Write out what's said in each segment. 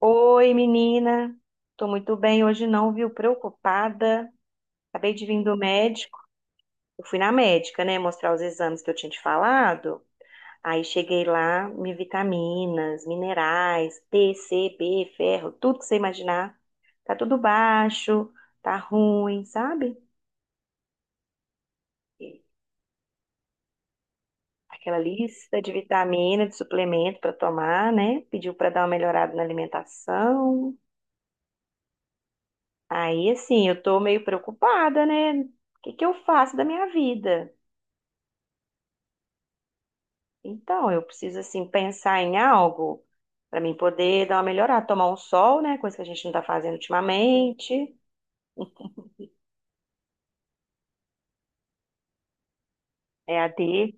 Oi, menina. Tô muito bem hoje não, viu? Preocupada. Acabei de vir do médico. Eu fui na médica, né, mostrar os exames que eu tinha te falado. Aí cheguei lá, me vitaminas, minerais, D, C, B, ferro, tudo que você imaginar. Tá tudo baixo, tá ruim, sabe? E Aquela lista de vitamina, de suplemento pra tomar, né? Pediu pra dar uma melhorada na alimentação. Aí, assim, eu tô meio preocupada, né? O que que eu faço da minha vida? Então, eu preciso, assim, pensar em algo para mim poder dar uma melhorada, tomar um sol, né? Coisa que a gente não tá fazendo ultimamente. É a D,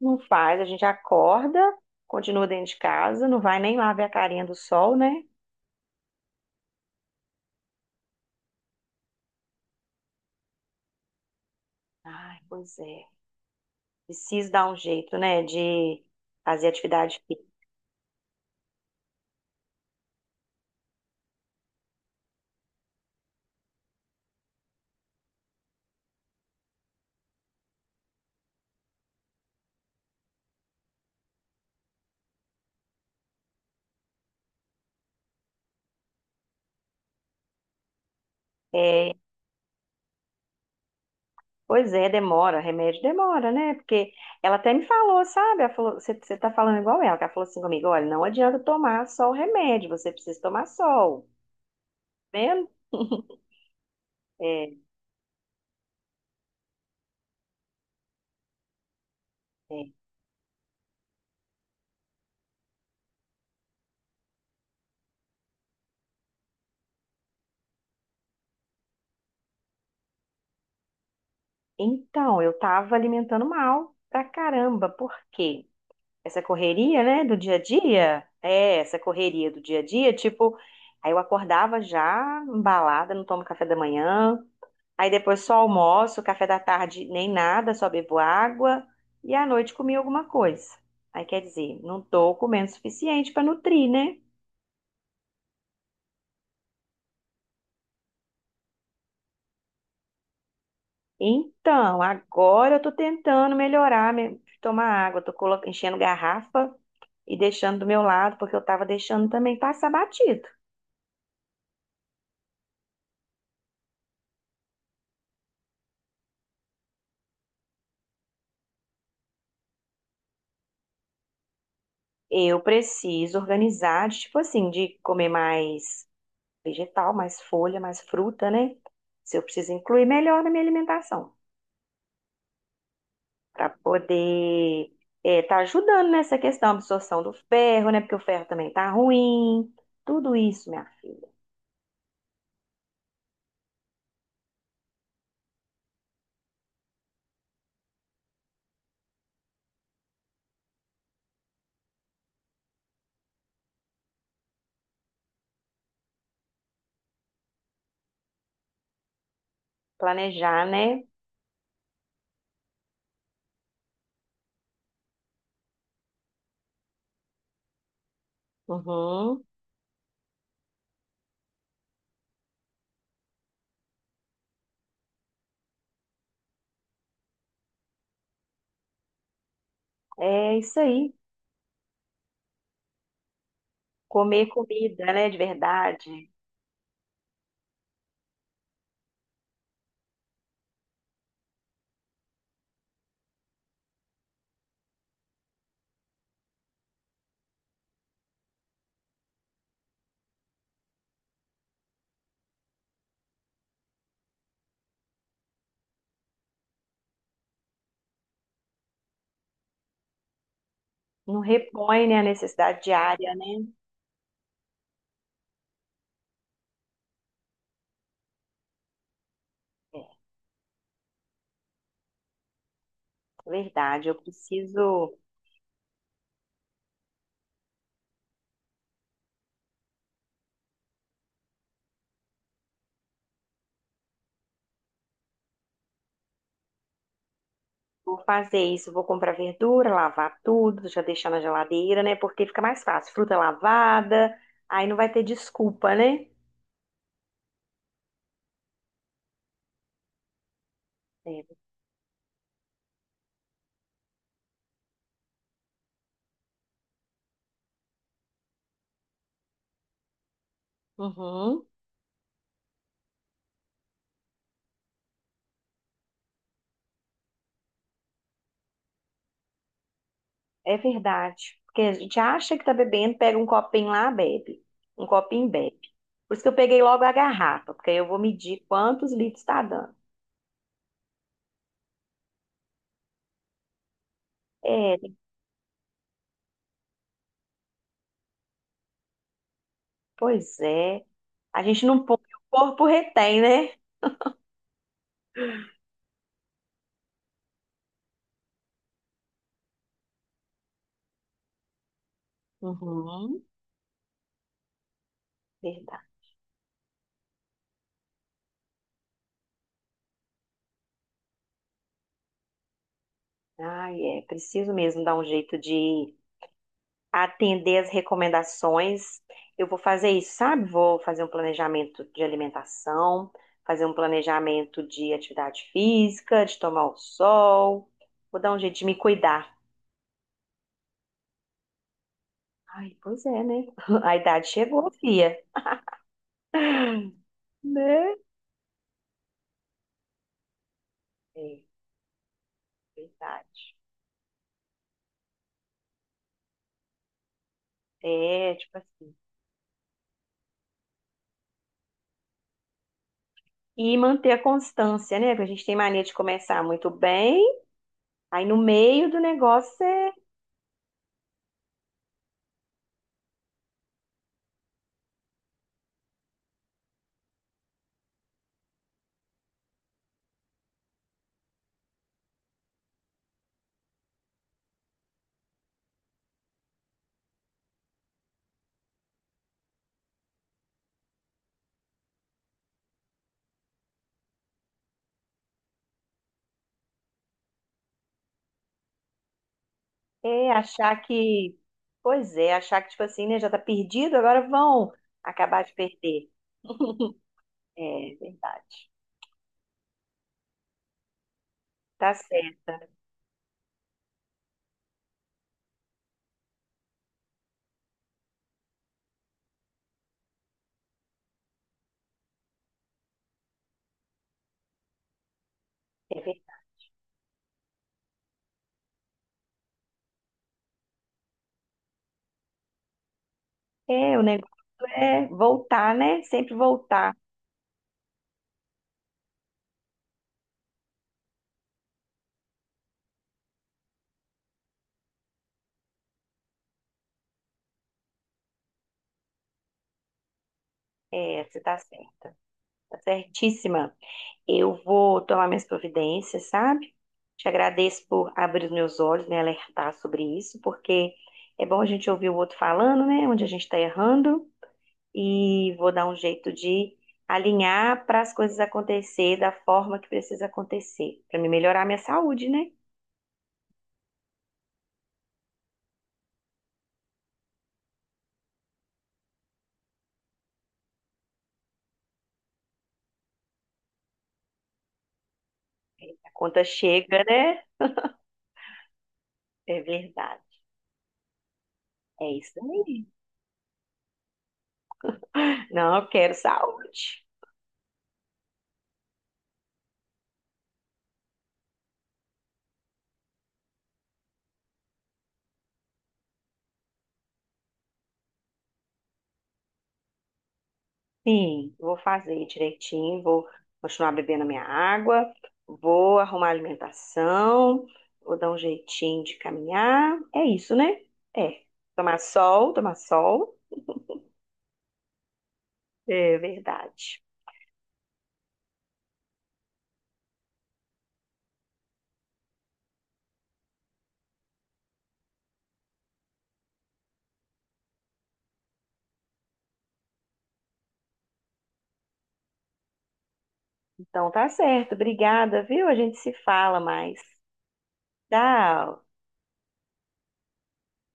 não faz, a gente acorda, continua dentro de casa, não vai nem lá ver a carinha do sol, né? Ai, pois é. Preciso dar um jeito, né? De fazer atividade física. Pois é, demora, remédio demora, né? Porque ela até me falou, sabe? Ela falou, você tá falando igual ela, que ela falou assim comigo, olha, não adianta tomar só o remédio, você precisa tomar sol, tá vendo? É, é. Então, eu tava alimentando mal pra caramba, por quê? Essa correria, né, do dia a dia, é, essa correria do dia a dia, tipo, aí eu acordava já embalada, não tomo café da manhã, aí depois só almoço, café da tarde nem nada, só bebo água e à noite comi alguma coisa. Aí quer dizer, não tô comendo o suficiente para nutrir, né? Então, agora eu tô tentando melhorar, tomar água, enchendo garrafa e deixando do meu lado, porque eu tava deixando também passar batido. Eu preciso organizar, de, tipo assim, de comer mais vegetal, mais folha, mais fruta, né? Se eu preciso incluir melhor na minha alimentação. Para poder estar ajudando nessa questão, absorção do ferro, né? Porque o ferro também tá ruim. Tudo isso, minha filha. Planejar, né? Uhum. É isso aí. Comer comida, né? De verdade. Não repõe, né, a necessidade diária, né? É, verdade. Eu preciso. Vou fazer isso, vou comprar verdura, lavar tudo, já deixar na geladeira, né? Porque fica mais fácil. Fruta lavada, aí não vai ter desculpa, né? É. Uhum. É verdade. Porque a gente acha que tá bebendo, pega um copinho lá, bebe. Um copinho, bebe. Por isso que eu peguei logo a garrafa, porque aí eu vou medir quantos litros está dando. É, pois é. A gente não põe, o corpo retém, né? Uhum, verdade. Ai, é, preciso mesmo dar um jeito de atender as recomendações. Eu vou fazer isso, sabe? Vou fazer um planejamento de alimentação, fazer um planejamento de atividade física, de tomar o sol. Vou dar um jeito de me cuidar. Ai, pois é, né? A idade chegou, fia. Né? É, verdade. É, tipo assim. E manter a constância, né? Porque a gente tem mania de começar muito bem, aí no meio do negócio você... É, achar que, pois é, achar que, tipo assim, né, já tá perdido, agora vão acabar de perder. É verdade. Tá certa. É, verdade. É, o negócio é voltar, né? Sempre voltar. É, você tá certa. Tá certíssima. Eu vou tomar minhas providências, sabe? Te agradeço por abrir os meus olhos, me alertar sobre isso, porque é bom a gente ouvir o outro falando, né? Onde a gente tá errando. E vou dar um jeito de alinhar para as coisas acontecer da forma que precisa acontecer, para me melhorar a minha saúde, né? A conta chega, né? É verdade. É isso aí. Não, eu quero saúde. Sim, vou fazer direitinho, vou continuar bebendo a minha água, vou arrumar a alimentação, vou dar um jeitinho de caminhar. É isso, né? É. Tomar sol, tomar sol. É verdade. Então tá certo. Obrigada, viu? A gente se fala mais. Tchau.